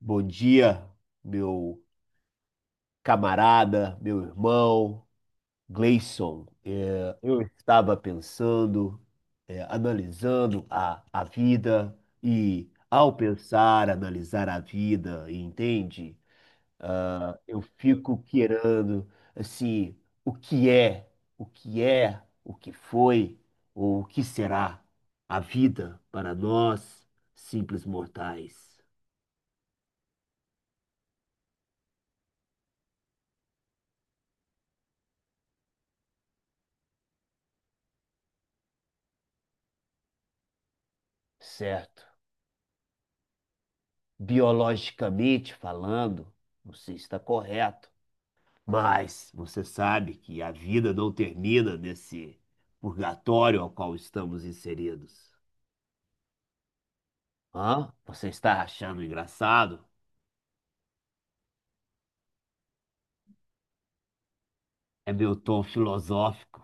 Bom dia, meu camarada, meu irmão Gleison. É, eu estava pensando, é, analisando a vida e, ao pensar, analisar a vida, entende? Eu fico querendo, assim, o que é, o que é, o que foi ou o que será a vida para nós, simples mortais, certo? Biologicamente falando, não sei se está correto, mas você sabe que a vida não termina nesse purgatório ao qual estamos inseridos. Hã? Você está achando engraçado? É meu tom filosófico.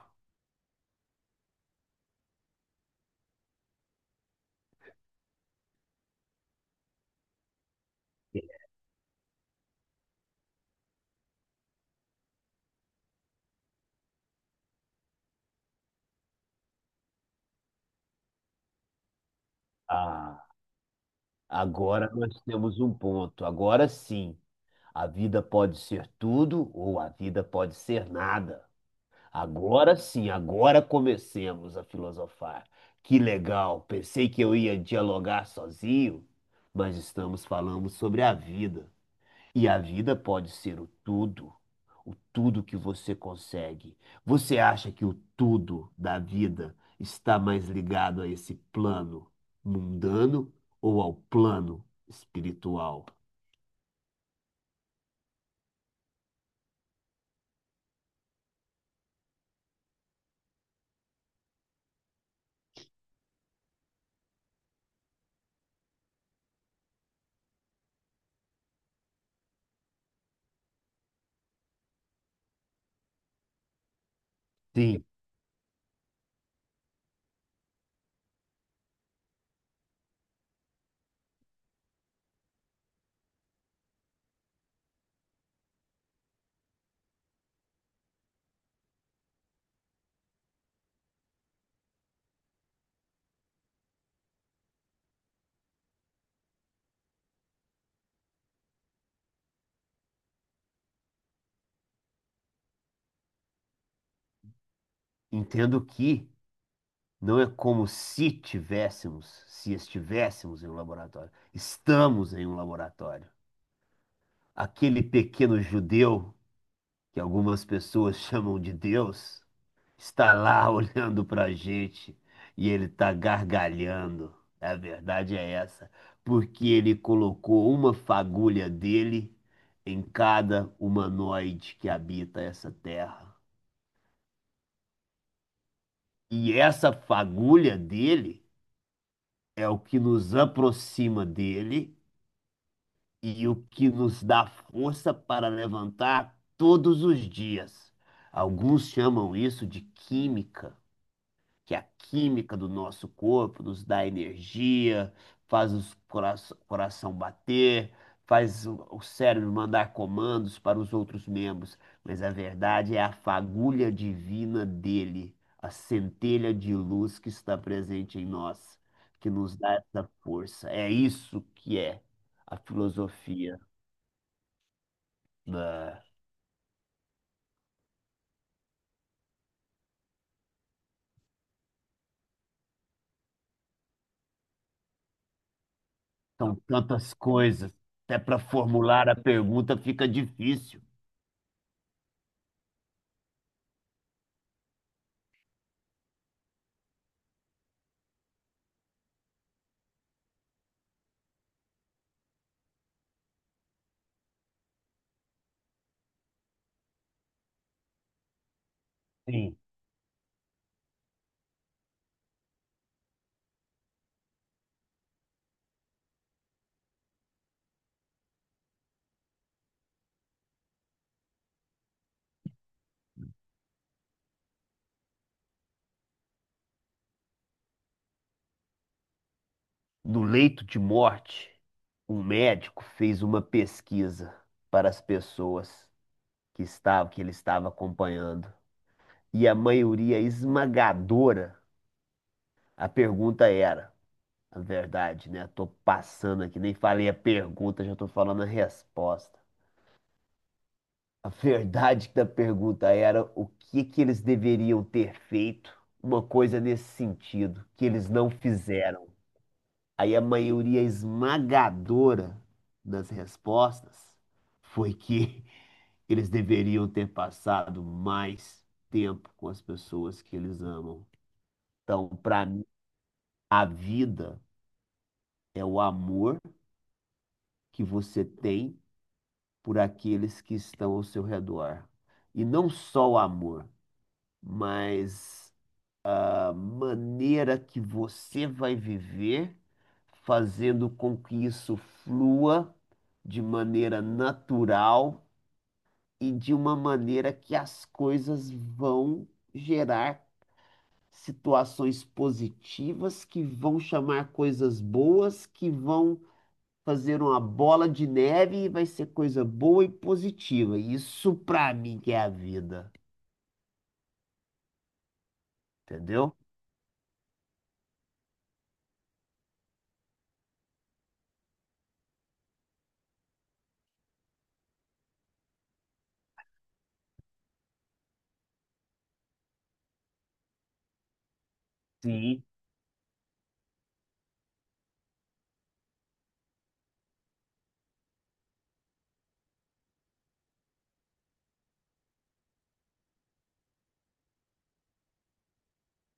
Ah, agora nós temos um ponto. Agora sim, a vida pode ser tudo ou a vida pode ser nada. Agora sim, agora comecemos a filosofar. Que legal, pensei que eu ia dialogar sozinho, mas estamos falando sobre a vida. E a vida pode ser o tudo que você consegue. Você acha que o tudo da vida está mais ligado a esse plano mundano ou ao plano espiritual? Sim, entendo que. Não é como se estivéssemos em um laboratório. Estamos em um laboratório. Aquele pequeno judeu, que algumas pessoas chamam de Deus, está lá olhando para a gente e ele está gargalhando. A verdade é essa, porque ele colocou uma fagulha dele em cada humanoide que habita essa terra. E essa fagulha dele é o que nos aproxima dele e o que nos dá força para levantar todos os dias. Alguns chamam isso de química, que a química do nosso corpo nos dá energia, faz o cora- coração bater, faz o cérebro mandar comandos para os outros membros, mas a verdade é a fagulha divina dele, a centelha de luz que está presente em nós, que nos dá essa força. É isso que é a filosofia. Ah, são tantas coisas. Até para formular a pergunta fica difícil. Sim. No leito de morte, um médico fez uma pesquisa para as pessoas que estavam, que ele estava acompanhando. E a maioria esmagadora, a pergunta era, a verdade, né? Tô passando aqui, nem falei a pergunta, já tô falando a resposta. A verdade da pergunta era o que que eles deveriam ter feito, uma coisa nesse sentido, que eles não fizeram. Aí a maioria esmagadora das respostas foi que eles deveriam ter passado mais tempo com as pessoas que eles amam. Então, para mim, a vida é o amor que você tem por aqueles que estão ao seu redor. E não só o amor, mas a maneira que você vai viver, fazendo com que isso flua de maneira natural e de uma maneira que as coisas vão gerar situações positivas, que vão chamar coisas boas, que vão fazer uma bola de neve e vai ser coisa boa e positiva. Isso para mim que é a vida, entendeu? Sim.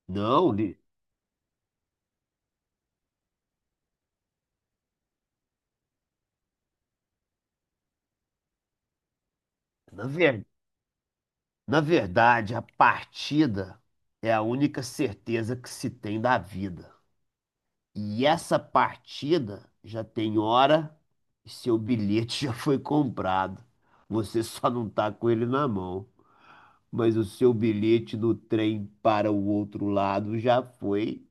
Não, na verdade. Na verdade, a partida é a única certeza que se tem da vida. E essa partida já tem hora e seu bilhete já foi comprado. Você só não tá com ele na mão. Mas o seu bilhete do trem para o outro lado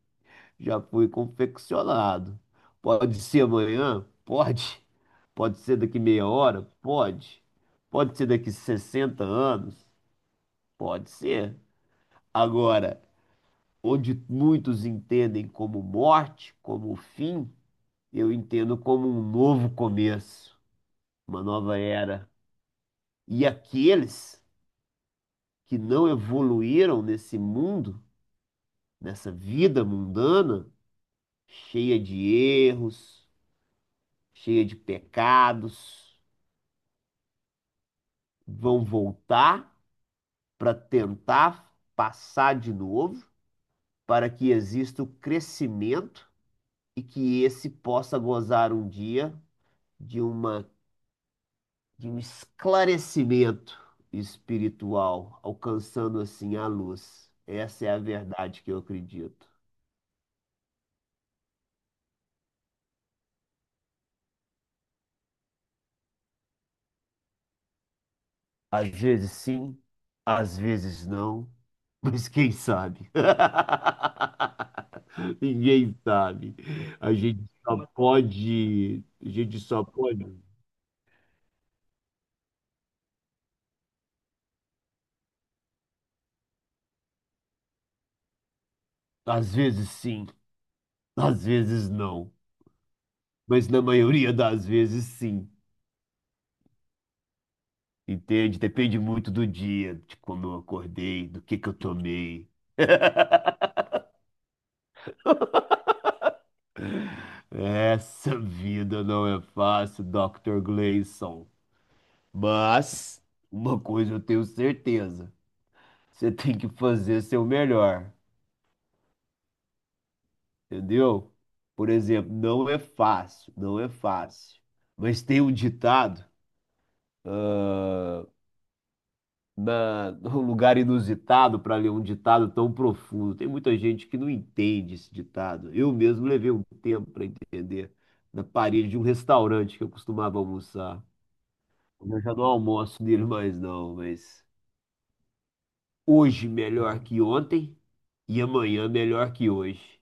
já foi confeccionado. Pode ser amanhã? Pode. Pode ser daqui meia hora? Pode. Pode ser daqui 60 anos? Pode ser. Agora, onde muitos entendem como morte, como fim, eu entendo como um novo começo, uma nova era. E aqueles que não evoluíram nesse mundo, nessa vida mundana, cheia de erros, cheia de pecados, vão voltar para tentar passar de novo, para que exista o crescimento e que esse possa gozar um dia de uma de um esclarecimento espiritual, alcançando assim a luz. Essa é a verdade que eu acredito. Às vezes sim, às vezes não, mas quem sabe? Ninguém sabe. A gente só pode, a gente só pode, às vezes sim, às vezes não, mas na maioria das vezes sim. Entende? Depende muito do dia, de como eu acordei, do que eu tomei. Essa vida não é fácil, Dr. Gleison. Mas uma coisa eu tenho certeza: você tem que fazer seu melhor, entendeu? Por exemplo, não é fácil, não é fácil. Mas tem um ditado, ah, na, num lugar inusitado para ler um ditado tão profundo. Tem muita gente que não entende esse ditado. Eu mesmo levei um tempo para entender, na parede de um restaurante que eu costumava almoçar. Eu já não almoço dele mais não, mas hoje melhor que ontem e amanhã melhor que hoje.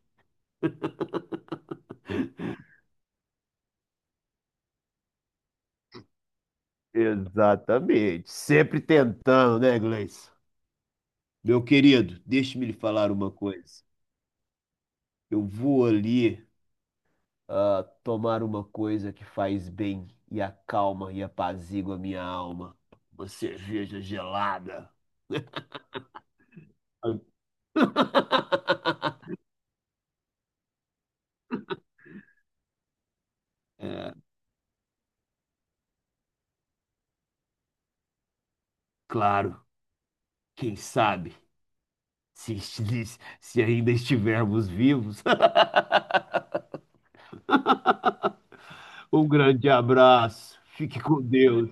Exatamente. Sempre tentando, né, Gleison? Meu querido, deixe-me lhe falar uma coisa. Eu vou ali tomar uma coisa que faz bem e acalma e apazigua a minha alma. Uma cerveja gelada. É, claro, quem sabe, se, se ainda estivermos vivos. Um grande abraço. Fique com Deus.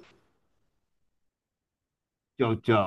Tchau, tchau.